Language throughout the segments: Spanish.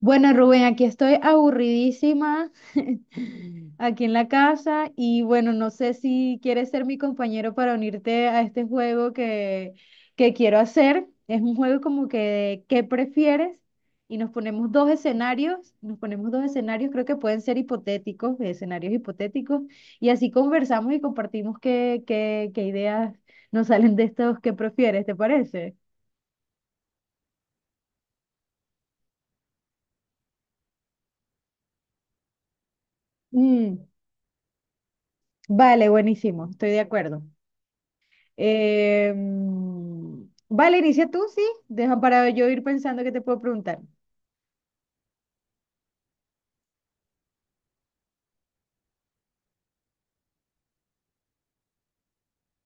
Bueno, Rubén, aquí estoy aburridísima, aquí en la casa, y bueno, no sé si quieres ser mi compañero para unirte a este juego que quiero hacer. Es un juego como que de qué prefieres, y nos ponemos dos escenarios, creo que pueden ser hipotéticos, de escenarios hipotéticos, y así conversamos y compartimos qué ideas nos salen de estos qué prefieres, ¿te parece? Mm, vale, buenísimo, estoy de acuerdo. Eh, vale, inicia tú, sí. Deja para yo ir pensando qué te puedo preguntar.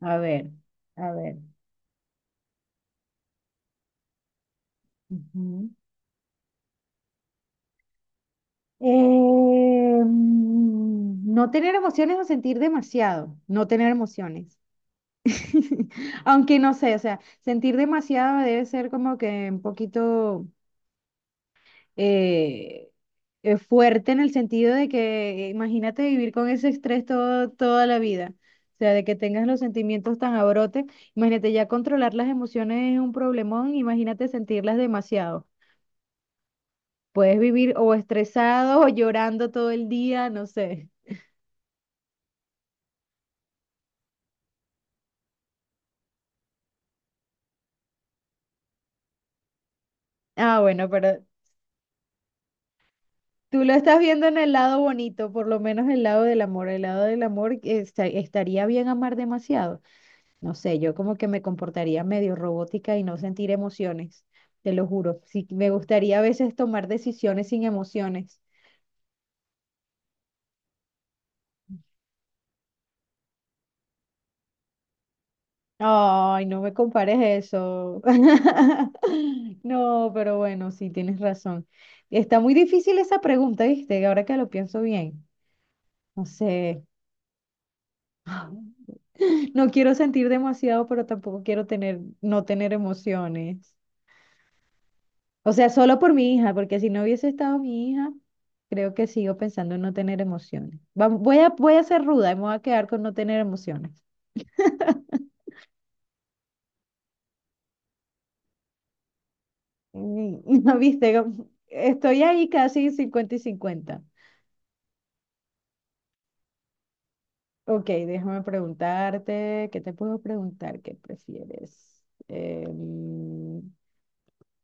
A ver, a ver. Ujú. ¿No tener emociones o sentir demasiado? No tener emociones. Aunque no sé, o sea, sentir demasiado debe ser como que un poquito eh, fuerte, en el sentido de que imagínate vivir con ese estrés toda la vida. O sea, de que tengas los sentimientos tan a brote. Imagínate, ya controlar las emociones es un problemón, imagínate sentirlas demasiado. Puedes vivir o estresado o llorando todo el día, no sé. Ah, bueno, pero tú lo estás viendo en el lado bonito, por lo menos el lado del amor. El lado del amor, estaría bien amar demasiado. No sé, yo como que me comportaría medio robótica y no sentir emociones, te lo juro. Sí, me gustaría a veces tomar decisiones sin emociones. Ay, no me compares eso. No, pero bueno, sí, tienes razón. Está muy difícil esa pregunta, ¿viste? Ahora que lo pienso bien. No sé. No quiero sentir demasiado, pero tampoco quiero no tener emociones. O sea, solo por mi hija, porque si no hubiese estado mi hija, creo que sigo pensando en no tener emociones. Voy a ser ruda y me voy a quedar con no tener emociones. Mm. ¿No viste? Estoy ahí casi 50 y 50. Ok, déjame preguntarte, ¿qué te puedo preguntar? ¿Qué prefieres? Em,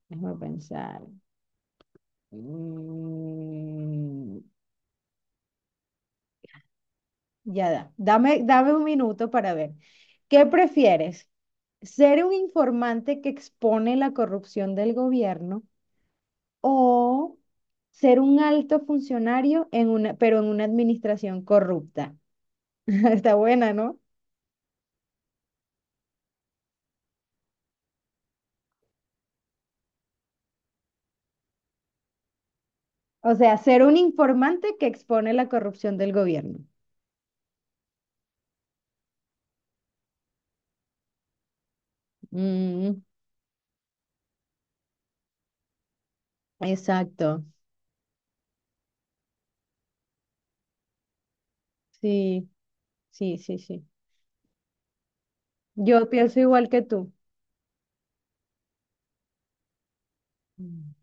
Déjame pensar. Mm, ya da. Dame un minuto para ver. ¿Qué prefieres? ¿Ser un informante que expone la corrupción del gobierno o ser un alto funcionario en una, pero en una administración corrupta? Está buena, ¿no? O sea, ser un informante que expone la corrupción del gobierno. Mm, exacto. Sí, sí, sí, sí. Yo pienso igual que tú. Mm.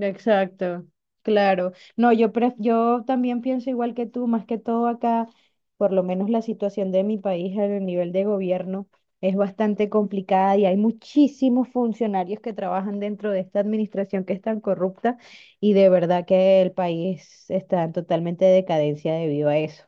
Exacto, claro. No, yo también pienso igual que tú, más que todo acá, por lo menos la situación de mi país en el nivel de gobierno es bastante complicada y hay muchísimos funcionarios que trabajan dentro de esta administración que es tan corrupta, y de verdad que el país está en totalmente decadencia debido a eso.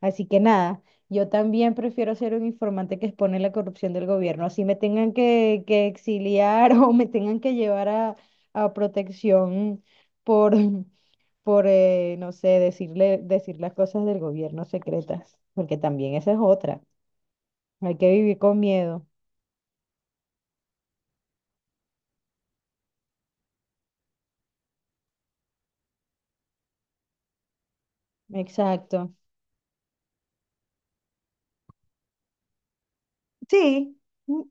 Así que nada, yo también prefiero ser un informante que expone la corrupción del gobierno, así me tengan que exiliar o me tengan que llevar a protección por, por no sé, decirle, decir las cosas del gobierno secretas, porque también esa es otra. Hay que vivir con miedo. Exacto. Sí, mm,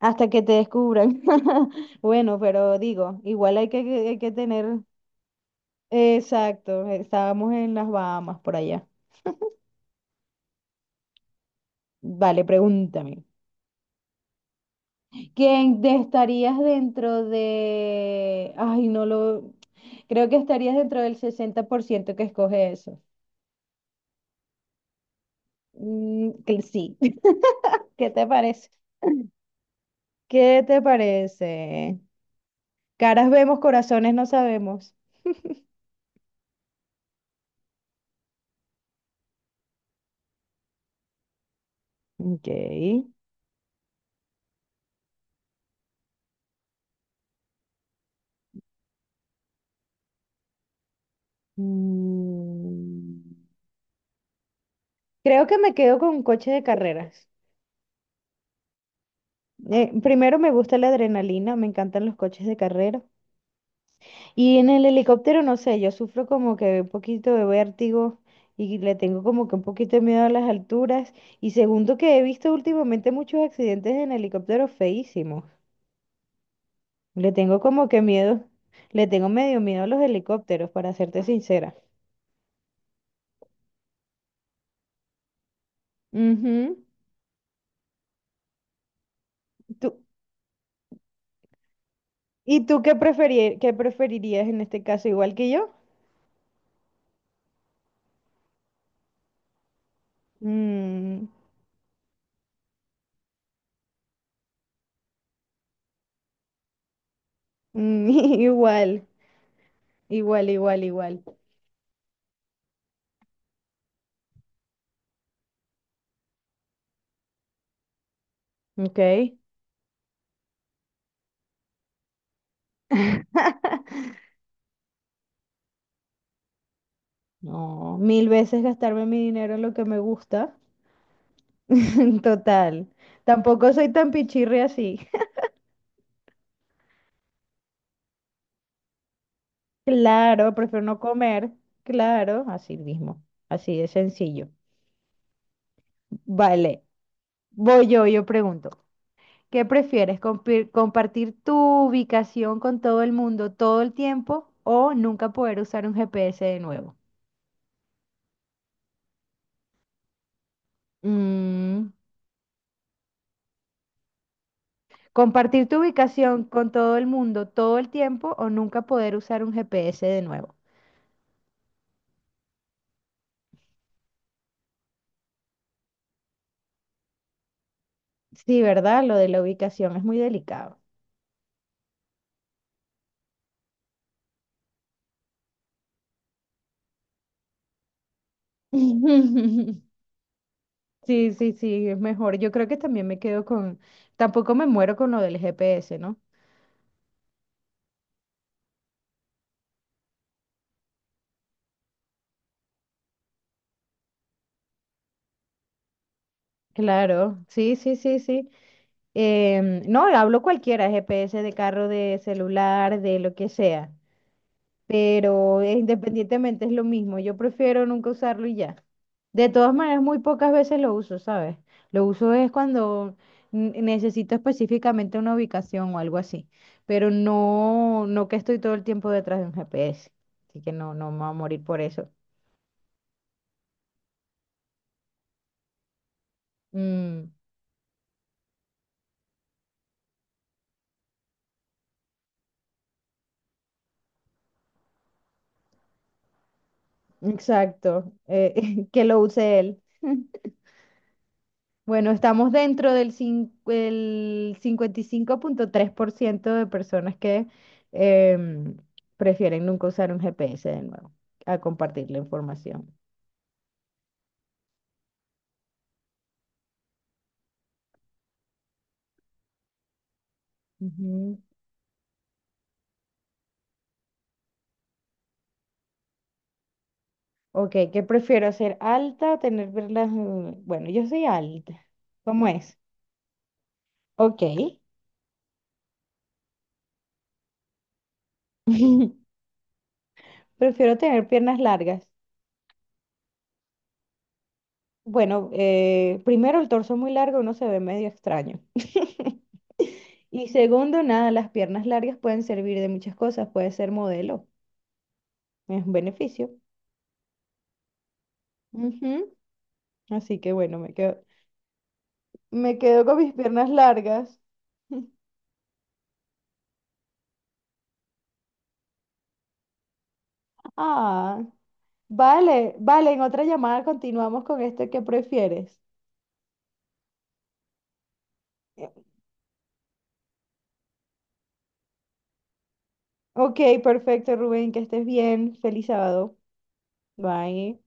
hasta que te descubran. Bueno, pero digo, igual hay que tener... Exacto, estábamos en las Bahamas por allá. Vale, pregúntame. ¿Quién te estarías dentro de... Ay, no lo... Creo que estarías dentro del 60% que escoge eso. Mm, que sí. ¿Qué te parece? ¿Qué te parece? Caras vemos, corazones no sabemos. Ok. Mm, creo que me quedo con un coche de carreras. Primero me gusta la adrenalina, me encantan los coches de carrera. Y en el helicóptero, no sé, yo sufro como que un poquito de vértigo y le tengo como que un poquito de miedo a las alturas. Y segundo que he visto últimamente muchos accidentes en helicópteros feísimos. Le tengo como que miedo, le tengo medio miedo a los helicópteros, para serte sincera. Ujú. ¿Tú- ¿Y tú qué preferirías en este caso, igual que yo? Mm, mm, igual, igual. Ok. No, mil veces gastarme mi dinero en lo que me gusta. Total. Tampoco soy tan pichirre así. Claro, prefiero no comer. Claro, así mismo. Así de sencillo. Vale. Yo pregunto. ¿Qué prefieres? ¿Compartir tu ubicación con todo el mundo todo el tiempo o nunca poder usar un GPS de nuevo? Mm, ¿compartir tu ubicación con todo el mundo todo el tiempo o nunca poder usar un GPS de nuevo? Sí, ¿verdad? Lo de la ubicación es muy delicado. Sí, sí, sí, es mejor. Yo creo que también me quedo con... Tampoco me muero con lo del GPS, ¿no? Claro, sí, sí, sí, sí. No, hablo cualquiera, GPS de carro, de celular, de lo que sea, pero independientemente es lo mismo, yo prefiero nunca usarlo y ya. De todas maneras, muy pocas veces lo uso, ¿sabes? Lo uso es cuando necesito específicamente una ubicación o algo así, pero no que estoy todo el tiempo detrás de un GPS, así que no, no me voy a morir por eso. Mm, exacto, que lo use él. Bueno, estamos dentro del cin- el 55,3% de personas que em, prefieren nunca usar un GPS de nuevo a compartir la información. Ujú. Ok, ¿qué prefiero? ¿Ser alta o tener verlas? Bueno, yo soy alta. ¿Cómo es? Ok. Prefiero tener piernas largas. Bueno, primero el torso muy largo uno se ve medio extraño. Y segundo, nada, las piernas largas pueden servir de muchas cosas, puede ser modelo, es un beneficio. Ujú. Así que bueno, me quedo con mis piernas largas. Ah, vale, vale, en otra llamada continuamos con este que prefieres. Ok, perfecto, Rubén, que estés bien. Feliz sábado. Bye.